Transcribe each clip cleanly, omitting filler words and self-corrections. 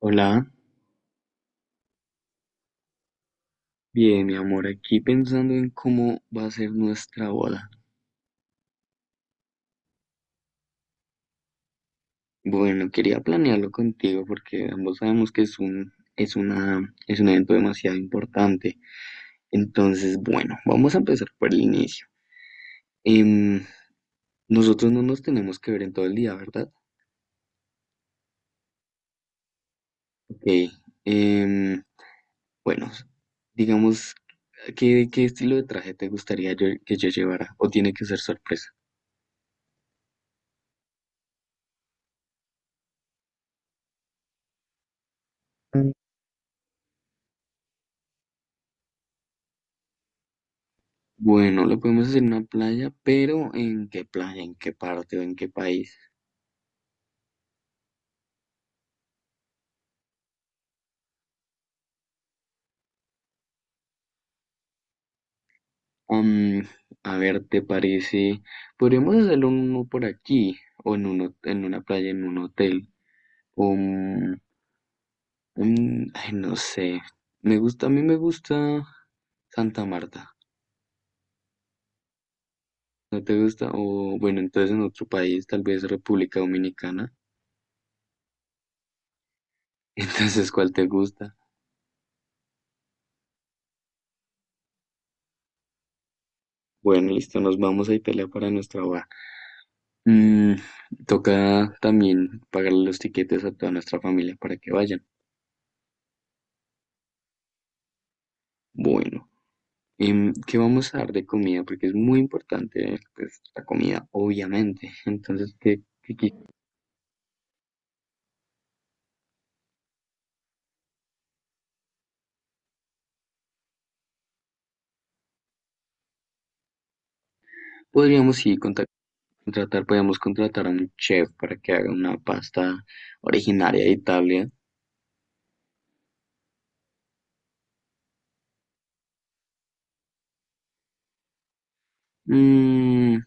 Hola, bien, mi amor, aquí pensando en cómo va a ser nuestra boda. Bueno, quería planearlo contigo porque ambos sabemos que es un evento demasiado importante. Entonces, bueno, vamos a empezar por el inicio. Em, nosotros no nos tenemos que ver en todo el día, ¿verdad? Ok. em, bueno, digamos, ¿qué estilo de traje te gustaría que yo llevara? ¿O tiene que ser sorpresa? Bueno, lo podemos hacer en una playa, pero ¿en qué playa? ¿En qué parte o en qué país? Am, a ver, ¿te parece? Podríamos hacerlo en uno por aquí, en una playa, en un hotel, o un- ay, no sé. A mí me gusta Santa Marta. ¿No te gusta? O bueno, entonces en otro país, tal vez República Dominicana. Entonces, ¿cuál te gusta? Bueno, listo, nos vamos a Italia para nuestra baja. Mm, toca también pagarle los tiquetes a toda nuestra familia para que vayan. Bueno, ¿qué vamos a dar de comida? Porque es muy importante, pues, la comida, obviamente. Entonces, podríamos ¿contratar? Podríamos contratar a un chef para que haga una pasta originaria de Italia. Mm,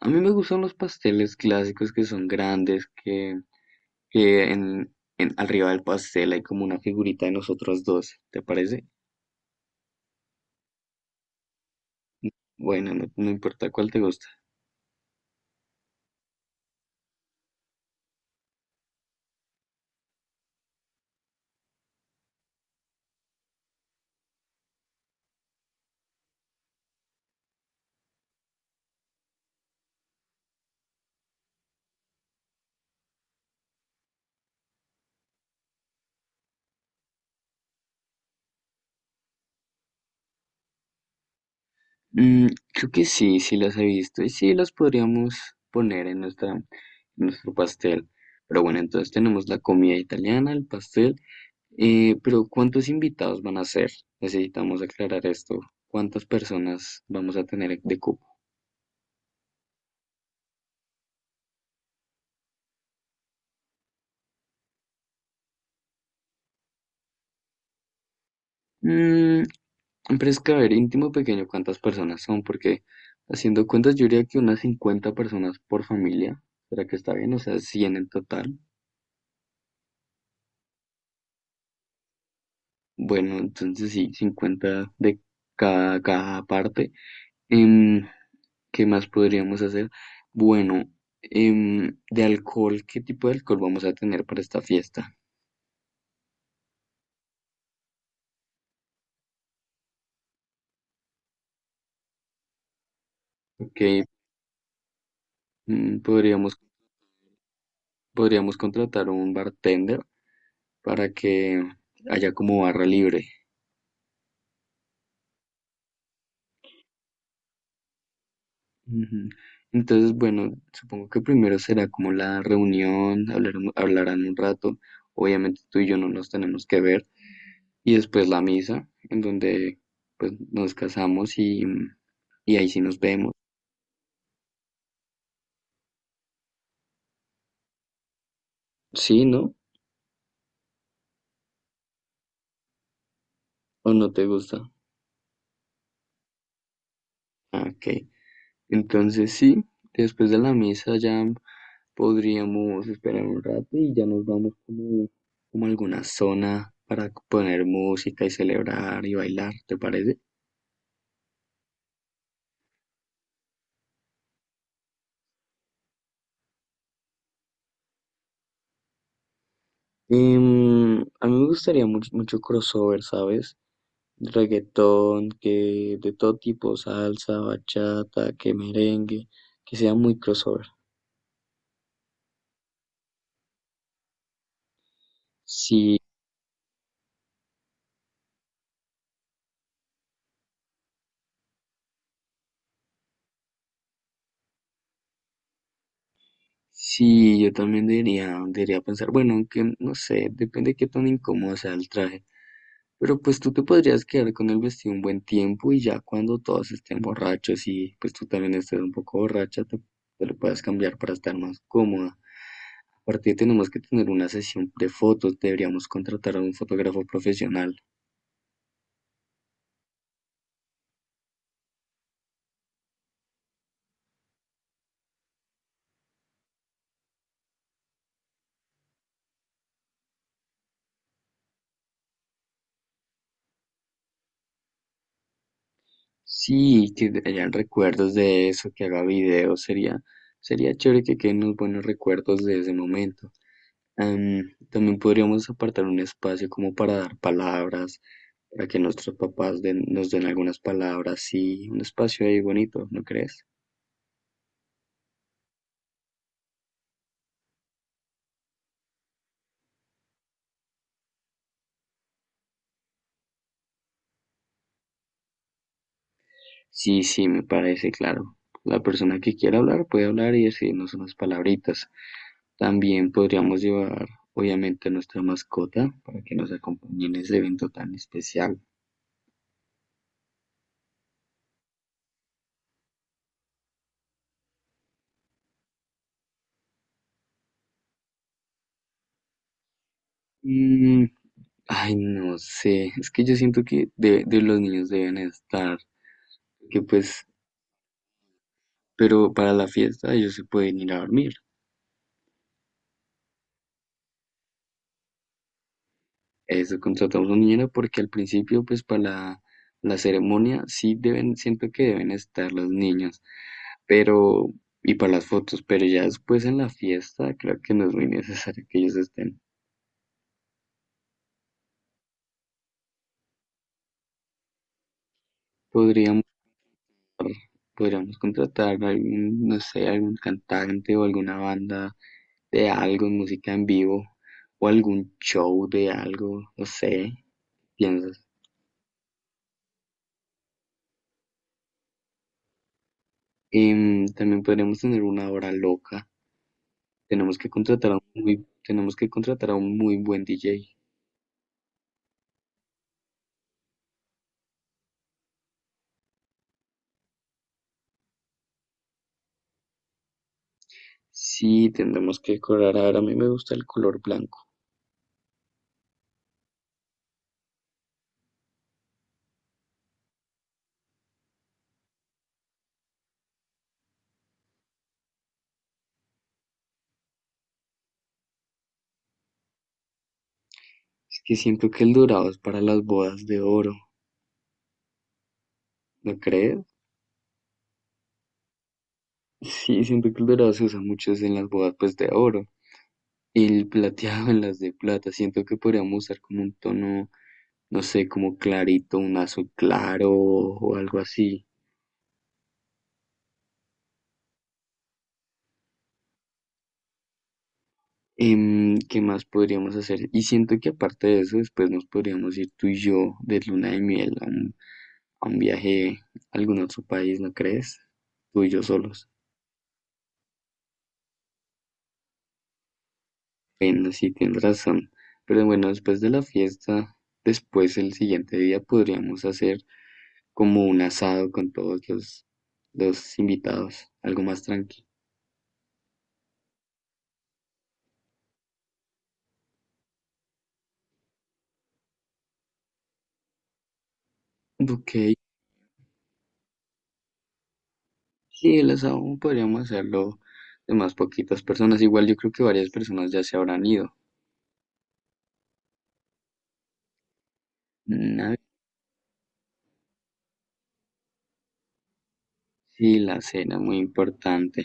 a mí me gustan los pasteles clásicos que son grandes, que arriba del pastel hay como una figurita de nosotros dos, ¿te parece? Bueno, no, no importa cuál te gusta. Mm, creo que sí, sí las he visto y sí las podríamos poner en nuestro pastel. Pero bueno, entonces tenemos la comida italiana, el pastel. Eh, pero ¿cuántos invitados van a ser? Necesitamos aclarar esto. ¿Cuántas personas vamos a tener de cupo? Mm, pero es que, a ver, íntimo pequeño, ¿cuántas personas son? Porque haciendo cuentas, yo diría que unas 50 personas por familia. ¿Será que está bien? O sea, 100 en total. Bueno, entonces sí, 50 de cada parte. Em, ¿Qué más podríamos hacer? Bueno, de alcohol, ¿qué tipo de alcohol vamos a tener para esta fiesta? Que podríamos, podríamos contratar un bartender para que haya como barra libre. Ujú. Entonces, bueno, supongo que primero será como la reunión, hablarán un rato. Obviamente tú y yo no nos tenemos que ver. Y después la misa, en donde pues nos casamos, y ahí sí nos vemos. ¿Sí, no? ¿O no te gusta? Ah, Ok. Entonces sí, después de la misa ya podríamos esperar un rato y ya nos vamos como a alguna zona para poner música y celebrar y bailar, ¿te parece? A mí me gustaría mucho, mucho crossover, ¿sabes? Reggaetón, que de todo tipo, salsa, bachata, que merengue, que sea muy crossover. Sí, sí, yo también debería pensar, bueno, aunque no sé, depende de qué tan incómodo sea el traje, pero pues tú te podrías quedar con el vestido un buen tiempo y ya cuando todos estén borrachos y pues tú también estés un poco borracha, te lo puedes cambiar para estar más cómoda. Aparte tenemos que tener una sesión de fotos, deberíamos contratar a un fotógrafo profesional. Sí, que hayan recuerdos de eso, que haga videos, sería chévere que queden unos buenos recuerdos de ese momento. También podríamos apartar un espacio como para dar palabras, para que nos den algunas palabras, sí, un espacio ahí bonito, ¿no crees? Sí, sí, me parece claro. La persona que quiera hablar puede hablar y decirnos unas palabritas. También podríamos llevar, obviamente, a nuestra mascota para que nos acompañe en ese evento tan especial. Mm, ay, no sé, es que yo siento que de los niños deben estar, que pues Pero para la fiesta ellos se pueden ir a dormir. Eso contratamos un niñero porque al principio, pues para la ceremonia sí deben, siento que deben estar los niños, pero y para las fotos, pero ya después en la fiesta creo que no es muy necesario que ellos estén. Podríamos, podríamos contratar algún, no sé, algún cantante o alguna banda de algo, música en vivo o algún show de algo, no sé, piensas. También podríamos tener una hora loca. Tenemos que contratar a un muy buen DJ. Sí, tendremos que decorar. Ahora a mí me gusta el color blanco. Es que siento que el dorado es para las bodas de oro, ¿no crees? Sí, siento que el dorado se usa mucho es en las bodas pues de oro. El plateado en las de plata. Siento que podríamos usar como un tono, no sé, como clarito, un azul claro o algo así. ¿Qué más podríamos hacer? Y siento que aparte de eso, después nos podríamos ir tú y yo de luna de miel a un viaje a algún otro país, ¿no crees? Tú y yo solos. Bueno, sí, tienes razón. Pero bueno, después de la fiesta, después el siguiente día podríamos hacer como un asado con todos los invitados, algo más tranquilo. Ok, sí, el asado podríamos hacerlo de más poquitas personas. Igual yo creo que varias personas ya se habrán ido. Una, sí, la cena, muy importante.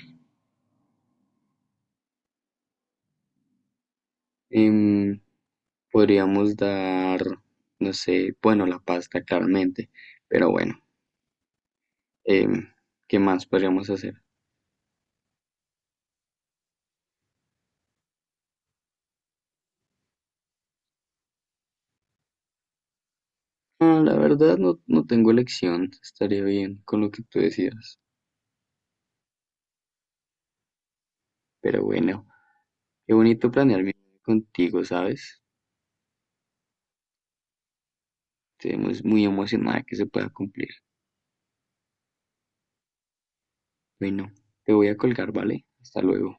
Em, Podríamos dar, no sé, bueno, la pasta claramente, pero bueno, em, ¿qué más podríamos hacer? Ah, la verdad no, no tengo elección, estaría bien con lo que tú decías. Pero bueno, qué bonito planear mi viaje contigo, ¿sabes? Estoy muy muy emocionada que se pueda cumplir. Bueno, te voy a colgar, ¿vale? Hasta luego.